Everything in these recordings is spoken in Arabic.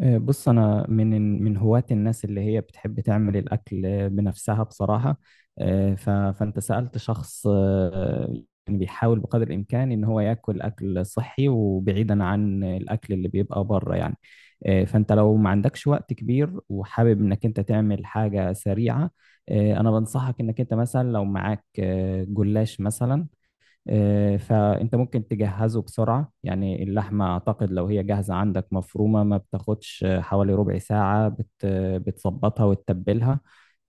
بص انا من هواة الناس اللي هي بتحب تعمل الاكل بنفسها بصراحه. آه، ف- فانت سالت شخص يعني بيحاول بقدر الامكان ان هو ياكل اكل صحي وبعيدا عن الاكل اللي بيبقى بره يعني. فانت لو ما عندكش وقت كبير وحابب انك انت تعمل حاجه سريعه. انا بنصحك انك انت مثلا لو معاك جلاش مثلا. فانت ممكن تجهزه بسرعة، يعني اللحمة اعتقد لو هي جاهزة عندك مفرومة ما بتاخدش حوالي ربع ساعة، بتظبطها وتتبلها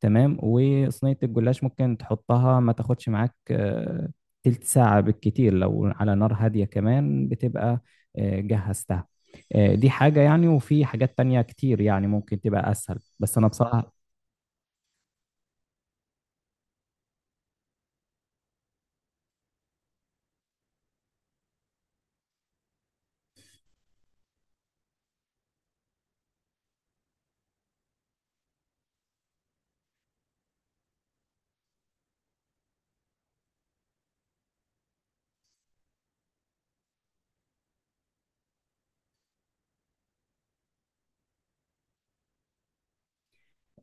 تمام. وصينية الجلاش ممكن تحطها ما تاخدش معاك تلت ساعة بالكتير، لو على نار هادية كمان بتبقى جهزتها. دي حاجة يعني، وفي حاجات تانية كتير يعني ممكن تبقى أسهل، بس أنا بصراحة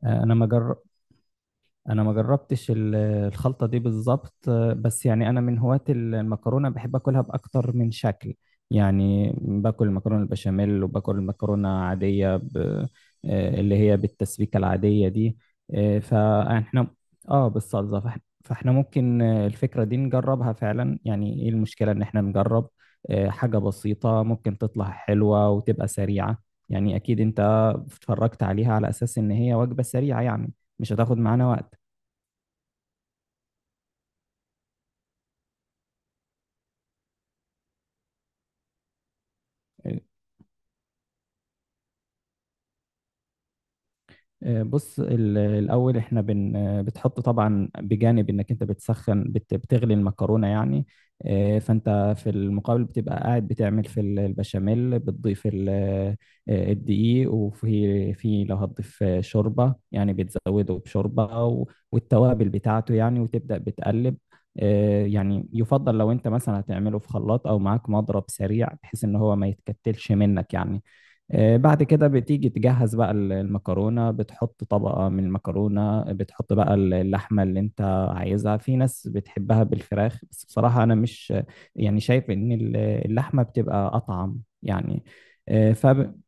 آه، أنا ما جر- انا ما جربتش الخلطه دي بالظبط. بس يعني انا من هواة المكرونه، بحب اكلها باكتر من شكل، يعني باكل المكرونه البشاميل وباكل المكرونه عاديه اللي هي بالتسبيكه العاديه دي. آه، فاحنا اه، بالصلصه. فاحنا ممكن الفكره دي نجربها فعلا. يعني ايه المشكله ان احنا نجرب حاجه بسيطه ممكن تطلع حلوه وتبقى سريعه؟ يعني اكيد انت اتفرجت عليها على اساس ان هي وجبه سريعه يعني، مش هتاخد معانا وقت. بص، الاول احنا بن آه، بتحط، طبعا بجانب انك انت بتسخن بتغلي المكرونه يعني. فانت في المقابل بتبقى قاعد بتعمل في البشاميل، بتضيف الدقيق، وفي لو هتضيف شوربه يعني بتزوده بشوربه والتوابل بتاعته يعني، وتبدا بتقلب. يعني يفضل لو انت مثلا هتعمله في خلاط او معاك مضرب سريع، بحيث ان هو ما يتكتلش منك يعني. بعد كده بتيجي تجهز بقى المكرونة، بتحط طبقة من المكرونة، بتحط بقى اللحمة اللي انت عايزها. في ناس بتحبها بالفراخ، بس بصراحة انا مش يعني شايف ان اللحمة بتبقى اطعم يعني. آه، فب-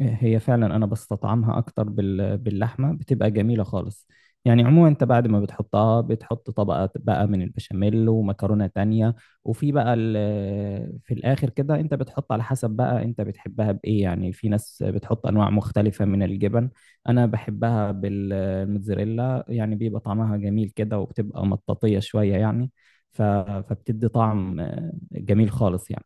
هي فعلا انا بستطعمها اكتر باللحمه، بتبقى جميله خالص يعني. عموما، انت بعد ما بتحطها بتحط طبقه بقى من البشاميل ومكرونه تانية، وفي بقى في الاخر كده انت بتحط على حسب بقى انت بتحبها بايه. يعني في ناس بتحط انواع مختلفه من الجبن، انا بحبها بالموتزاريلا يعني، بيبقى طعمها جميل كده وبتبقى مطاطيه شويه يعني، فبتدي طعم جميل خالص يعني.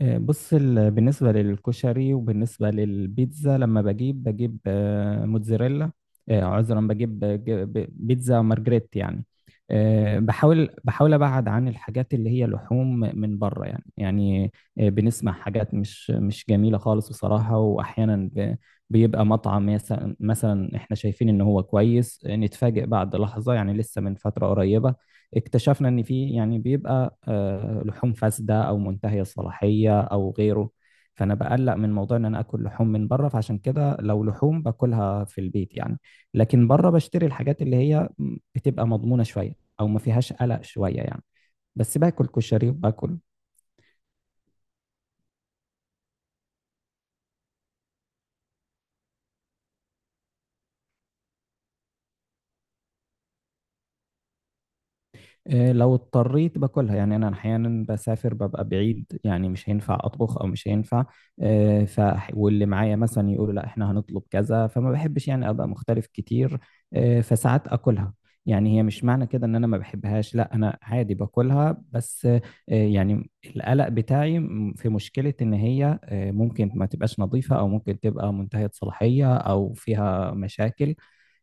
بص، بالنسبة للكشري وبالنسبة للبيتزا، لما بجيب بجيب آه، موتزاريلا آه، عذرا بجيب بجيب بيتزا مارجريت يعني. بحاول أبعد عن الحاجات اللي هي لحوم من بره يعني يعني. بنسمع حاجات مش جميلة خالص بصراحة، وأحيانا بيبقى مطعم مثلا إحنا شايفين إن هو كويس، نتفاجئ بعد لحظة. يعني لسه من فترة قريبة اكتشفنا ان في يعني بيبقى لحوم فاسده او منتهيه الصلاحيه او غيره. فانا بقلق من موضوع ان انا اكل لحوم من بره، فعشان كده لو لحوم باكلها في البيت يعني. لكن بره بشتري الحاجات اللي هي بتبقى مضمونه شويه، او ما فيهاش قلق شويه يعني. بس باكل كشري وباكل إيه، لو اضطريت باكلها يعني. انا احيانا بسافر ببقى بعيد يعني، مش هينفع اطبخ او مش هينفع إيه، ف واللي معايا مثلا يقولوا لا احنا هنطلب كذا، فما بحبش يعني ابقى مختلف كتير إيه، فساعات اكلها. يعني هي مش معنى كده ان انا ما بحبهاش، لا انا عادي باكلها، بس يعني القلق بتاعي في مشكلة ان هي ممكن ما تبقاش نظيفة، او ممكن تبقى منتهية صلاحية او فيها مشاكل.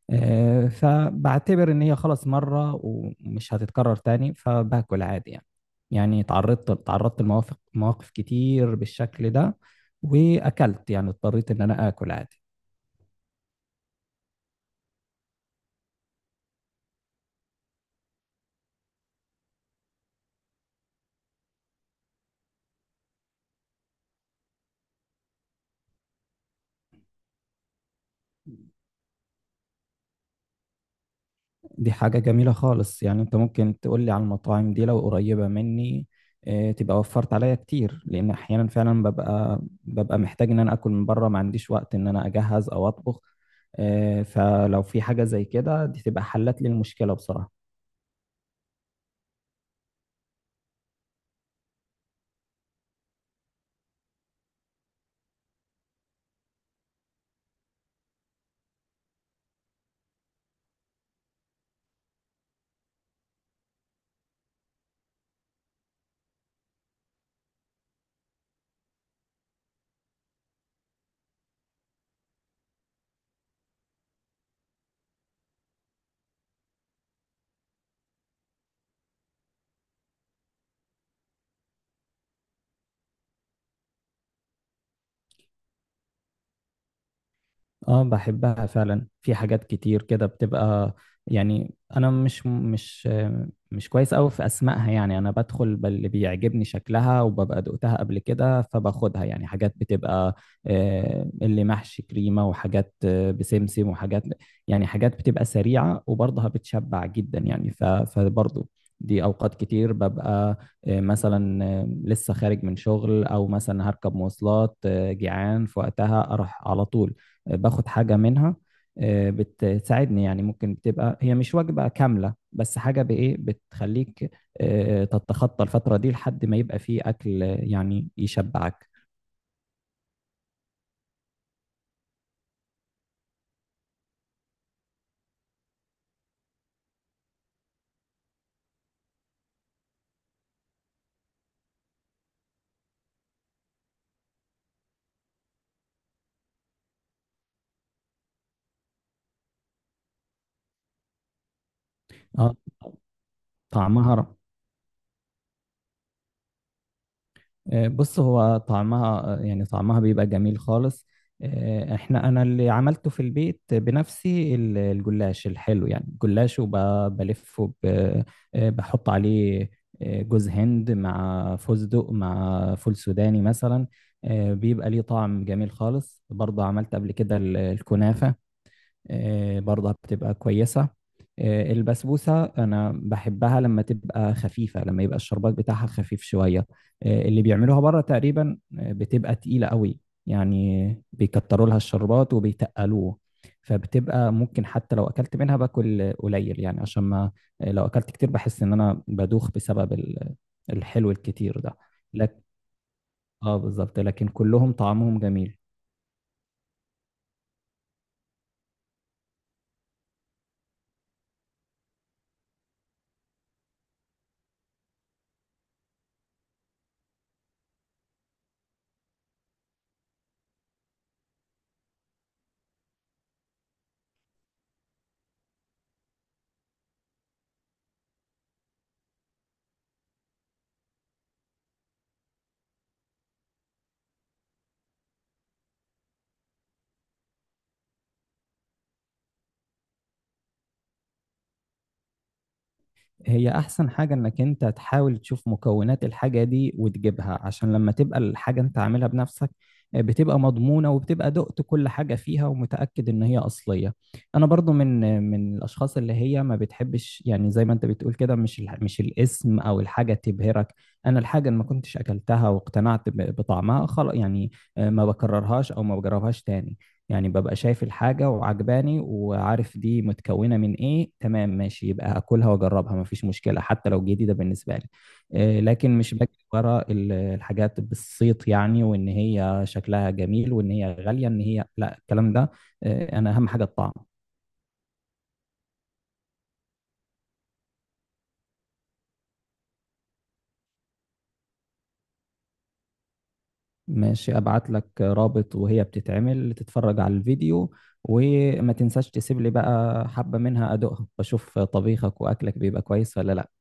فبعتبر ان هي خلاص مره ومش هتتكرر تاني، فباكل عادي يعني. يعني تعرضت لمواقف كتير بالشكل ده، واكلت يعني اضطريت ان انا اكل عادي. دي حاجه جميله خالص يعني، انت ممكن تقول لي على المطاعم دي لو قريبه مني. تبقى وفرت عليا كتير، لان احيانا فعلا ببقى محتاج ان انا اكل من بره، ما عنديش وقت ان انا اجهز او اطبخ. فلو في حاجه زي كده دي تبقى حلت لي المشكله بصراحه. اه بحبها فعلا، في حاجات كتير كده بتبقى يعني. انا مش كويس قوي في اسمائها، يعني انا بدخل باللي بيعجبني شكلها وببقى دقتها قبل كده فباخدها. يعني حاجات بتبقى اللي محشي كريمة، وحاجات بسمسم، وحاجات. يعني حاجات بتبقى سريعة وبرضها بتشبع جدا يعني، فبرضه دي اوقات كتير ببقى مثلا لسه خارج من شغل، او مثلا هركب مواصلات جيعان، في وقتها اروح على طول باخد حاجة منها. بتساعدني يعني، ممكن بتبقى هي مش وجبة كاملة بس حاجة بإيه بتخليك تتخطى الفترة دي لحد ما يبقى فيه أكل يعني يشبعك. اه، طعمها. بص هو طعمها يعني طعمها بيبقى جميل خالص. آه، احنا انا اللي عملته في البيت بنفسي، الجلاش الحلو يعني، الجلاش وبلفه بحط عليه جوز هند مع فستق مع فول سوداني مثلا. بيبقى ليه طعم جميل خالص. برضه عملت قبل كده الكنافة، برضه بتبقى كويسة. البسبوسة أنا بحبها لما تبقى خفيفة، لما يبقى الشربات بتاعها خفيف شوية. اللي بيعملوها بره تقريبا بتبقى تقيلة قوي، يعني بيكتروا لها الشربات وبيتقلوه. فبتبقى ممكن حتى لو أكلت منها باكل قليل يعني، عشان ما لو أكلت كتير بحس إن أنا بدوخ بسبب الحلو الكتير ده. لك اه، بالظبط، لكن كلهم طعمهم جميل. هي احسن حاجة انك انت تحاول تشوف مكونات الحاجة دي وتجيبها، عشان لما تبقى الحاجة انت عاملها بنفسك بتبقى مضمونة، وبتبقى دقت كل حاجة فيها، ومتأكد ان هي اصلية. انا برضو من من الاشخاص اللي هي ما بتحبش، يعني زي ما انت بتقول كده، مش الاسم او الحاجة تبهرك. انا الحاجة اللي ما كنتش اكلتها واقتنعت بطعمها خلاص يعني ما بكررهاش او ما بجربهاش تاني. يعني ببقى شايف الحاجة وعجباني وعارف دي متكونة من ايه، تمام ماشي، يبقى هاكلها واجربها، مفيش مشكلة حتى لو جديدة بالنسبة لي. لكن مش باجي ورا الحاجات بالصيت يعني، وان هي شكلها جميل وان هي غالية، ان هي لا الكلام ده. انا اهم حاجة الطعم. ماشي، ابعت لك رابط وهي بتتعمل، تتفرج على الفيديو، وما تنساش تسيب لي بقى حبة منها ادوقها، بشوف طبيخك واكلك بيبقى كويس ولا لا.